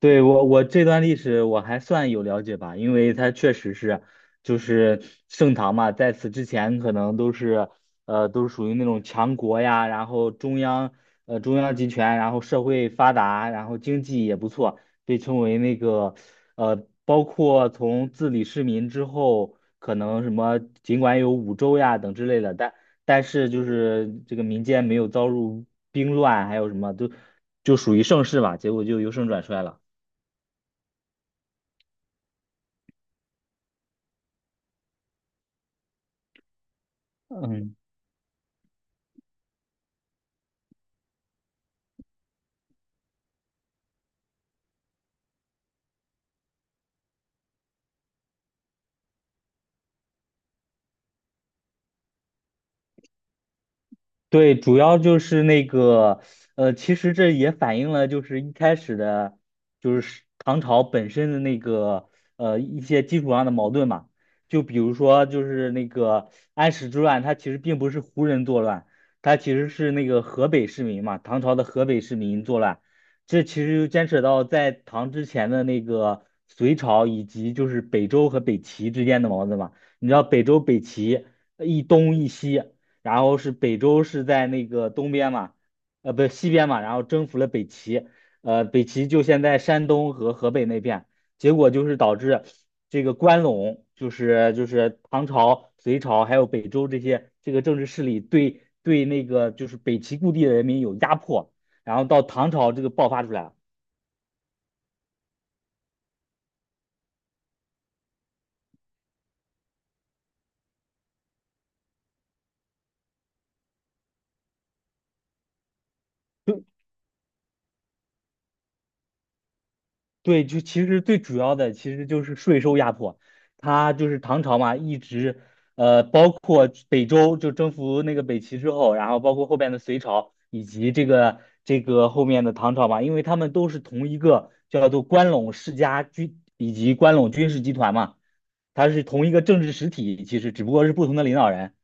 对，我这段历史我还算有了解吧，因为它确实是就是盛唐嘛，在此之前可能都是都是属于那种强国呀，然后中央中央集权，然后社会发达，然后经济也不错，被称为那个包括从自理市民之后，可能什么尽管有五州呀等之类的，但是就是这个民间没有遭入兵乱，还有什么都就属于盛世吧，结果就由盛转衰了。嗯，对，主要就是那个，其实这也反映了就是一开始的，就是唐朝本身的那个，一些基础上的矛盾嘛。就比如说，就是那个安史之乱，它其实并不是胡人作乱，它其实是那个河北市民嘛，唐朝的河北市民作乱。这其实就牵扯到在唐之前的那个隋朝以及就是北周和北齐之间的矛盾嘛。你知道北周、北齐一东一西。然后是北周是在那个东边嘛，不西边嘛，然后征服了北齐，北齐就现在山东和河北那片，结果就是导致这个关陇，就是唐朝、隋朝还有北周这些这个政治势力对那个就是北齐故地的人民有压迫，然后到唐朝这个爆发出来了。对，就其实最主要的其实就是税收压迫，他就是唐朝嘛，一直包括北周就征服那个北齐之后，然后包括后边的隋朝以及这个后面的唐朝嘛，因为他们都是同一个叫做关陇世家军以及关陇军事集团嘛，它是同一个政治实体，其实只不过是不同的领导人，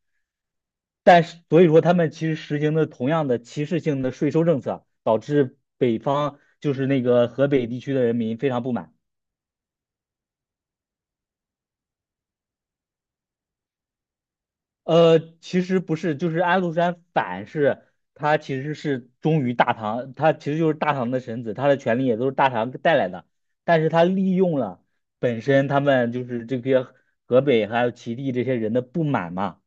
但是所以说他们其实实行的同样的歧视性的税收政策，导致北方就是那个河北地区的人民非常不满。其实不是，就是安禄山反是，他其实是忠于大唐，他其实就是大唐的臣子，他的权利也都是大唐带来的，但是他利用了本身他们就是这些河北还有齐地这些人的不满嘛，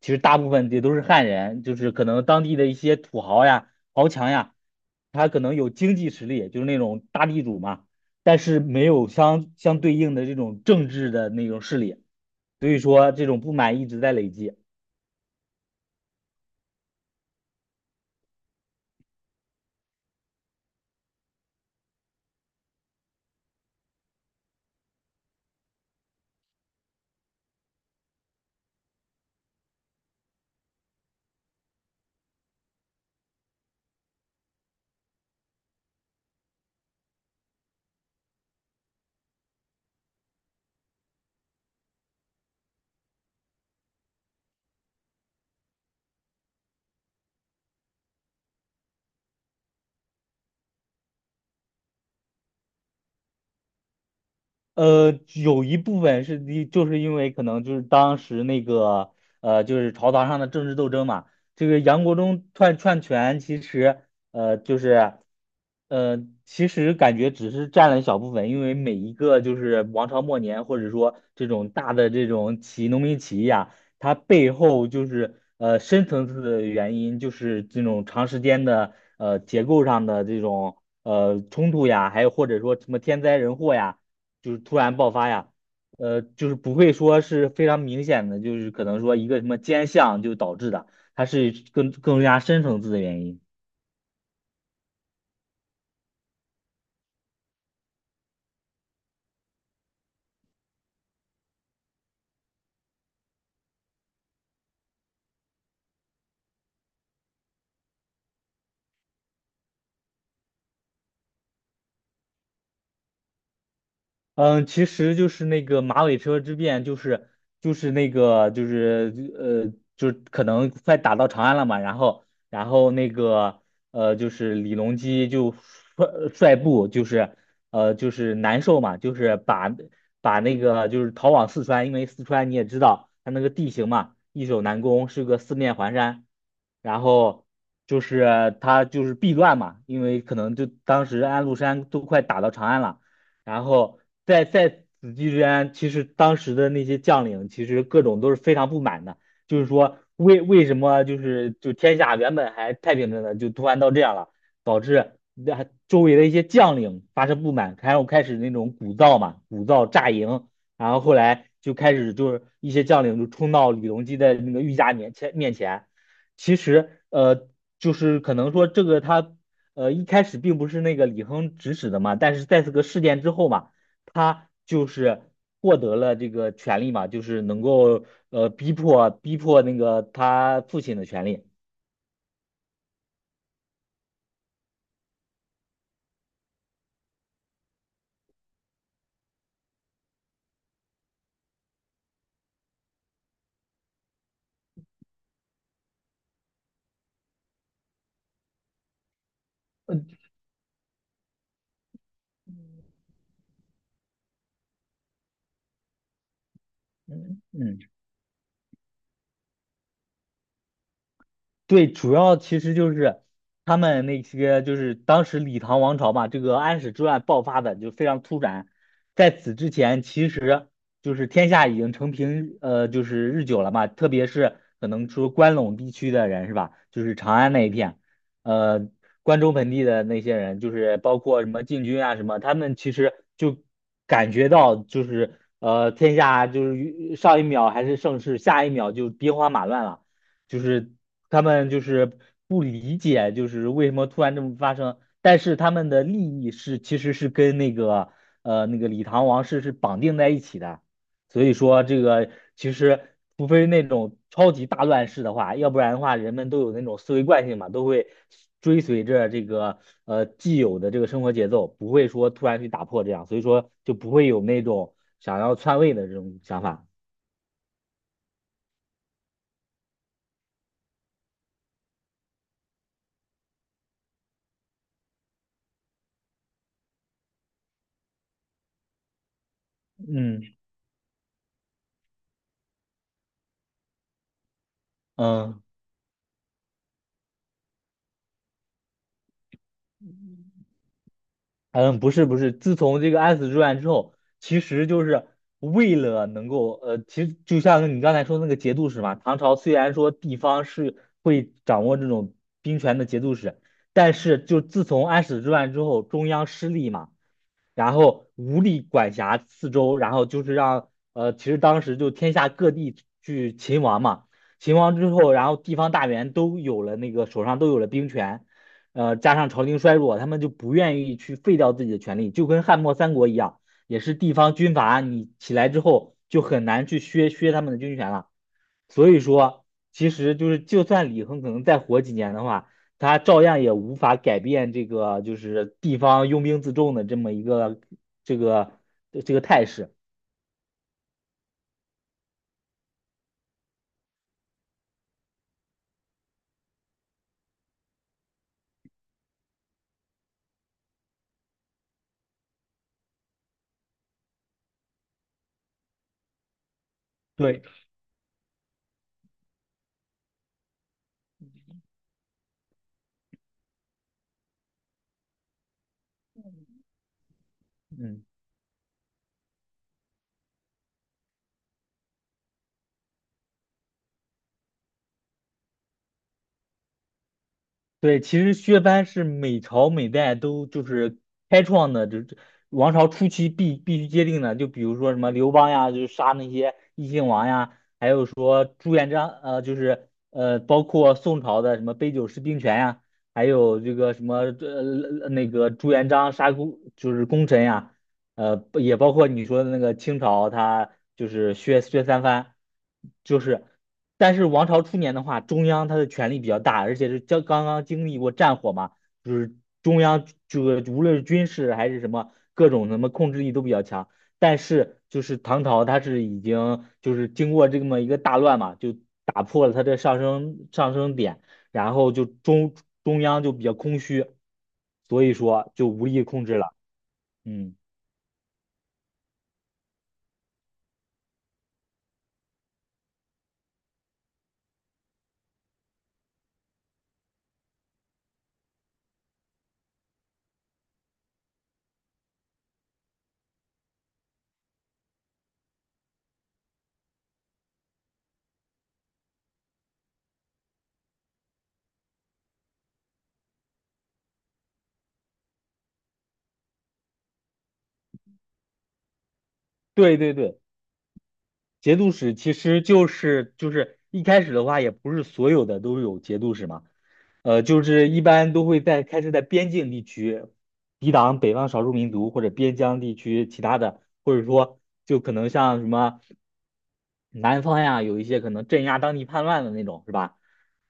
其实大部分也都是汉人，就是可能当地的一些土豪呀、豪强呀，他可能有经济实力，就是那种大地主嘛，但是没有相对应的这种政治的那种势力，所以说这种不满一直在累积。有一部分是的，就是因为可能就是当时那个就是朝堂上的政治斗争嘛。这个杨国忠篡权，其实呃，就是呃，其实感觉只是占了一小部分，因为每一个就是王朝末年，或者说这种大的这种起义农民起义啊，它背后就是深层次的原因，就是这种长时间的结构上的这种冲突呀，还有或者说什么天灾人祸呀。就是突然爆发呀，就是不会说是非常明显的，就是可能说一个什么尖向就导致的，它是更加深层次的原因。嗯，其实就是那个马尾车之变，就可能快打到长安了嘛，然后那个就是李隆基就率率部难受嘛，就是把那个就是逃往四川，因为四川你也知道它那个地形嘛，易守难攻，是个四面环山，然后就是他就是避乱嘛，因为可能就当时安禄山都快打到长安了。然后在此期间，其实当时的那些将领其实各种都是非常不满的，就是说为什么就是就天下原本还太平着呢，就突然到这样了，导致那周围的一些将领发生不满，然后开始那种鼓噪嘛，鼓噪炸营，然后后来就开始就是一些将领就冲到李隆基的那个御驾面前，其实呃就是可能说这个他一开始并不是那个李亨指使的嘛，但是在这个事件之后嘛，他就是获得了这个权利嘛，就是能够逼迫那个他父亲的权利。嗯嗯嗯。对，主要其实就是他们那些就是当时李唐王朝嘛，这个安史之乱爆发的就非常突然，在此之前其实就是天下已经承平就是日久了嘛，特别是可能说关陇地区的人是吧，就是长安那一片，呃关中盆地的那些人，就是包括什么禁军啊什么，他们其实就感觉到就是天下就是上一秒还是盛世，下一秒就兵荒马乱了。就是他们就是不理解，就是为什么突然这么发生，但是他们的利益是其实是跟那个李唐王室是绑定在一起的，所以说这个其实除非那种超级大乱世的话，要不然的话人们都有那种思维惯性嘛，都会追随着这个既有的这个生活节奏，不会说突然去打破这样，所以说就不会有那种想要篡位的这种想法，嗯嗯。嗯，不是不是，自从这个安史之乱之后，其实就是为了能够，其实就像你刚才说那个节度使嘛，唐朝虽然说地方是会掌握这种兵权的节度使，但是就自从安史之乱之后，中央失利嘛，然后无力管辖四周，然后就是让其实当时就天下各地去勤王嘛，秦王之后，然后地方大员都有了那个手上都有了兵权，加上朝廷衰弱，他们就不愿意去废掉自己的权利，就跟汉末三国一样，也是地方军阀你起来之后就很难去削他们的军权了，所以说。其实就是，就算李亨可能再活几年的话，他照样也无法改变这个就是地方拥兵自重的这么一个这个这个态势。对，嗯。对，其实削藩是每朝每代都就是开创的，这王朝初期必须接定的。就比如说什么刘邦呀，就是杀那些异姓王呀，还有说朱元璋，包括宋朝的什么杯酒释兵权呀，还有这个什么那个朱元璋杀功就是功臣呀，不也包括你说的那个清朝，他就是削三藩，就是。但是王朝初年的话，中央它的权力比较大，而且是刚刚经历过战火嘛，就是中央这个无论是军事还是什么各种什么控制力都比较强。但是就是唐朝，它是已经就是经过这么一个大乱嘛，就打破了它的上升点，然后就中央就比较空虚，所以说就无力控制了。嗯，对对对。节度使其实就是一开始的话，也不是所有的都有节度使嘛，就是一般都会在开始在边境地区抵挡北方少数民族或者边疆地区其他的，或者说就可能像什么南方呀，有一些可能镇压当地叛乱的那种，是吧？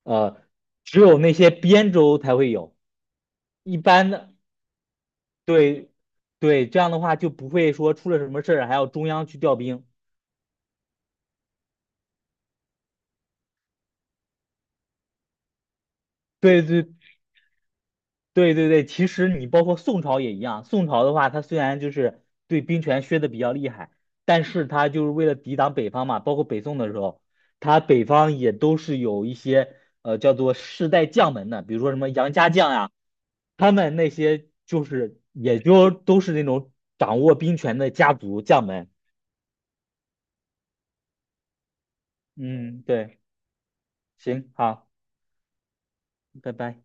呃，只有那些边州才会有，一般的对对，这样的话就不会说出了什么事儿还要中央去调兵。对对对对对，其实你包括宋朝也一样，宋朝的话，它虽然就是对兵权削的比较厉害，但是它就是为了抵挡北方嘛，包括北宋的时候，它北方也都是有一些叫做世代将门的，比如说什么杨家将呀、他们那些就是也就都是那种掌握兵权的家族将门。嗯，对，行，好，拜拜。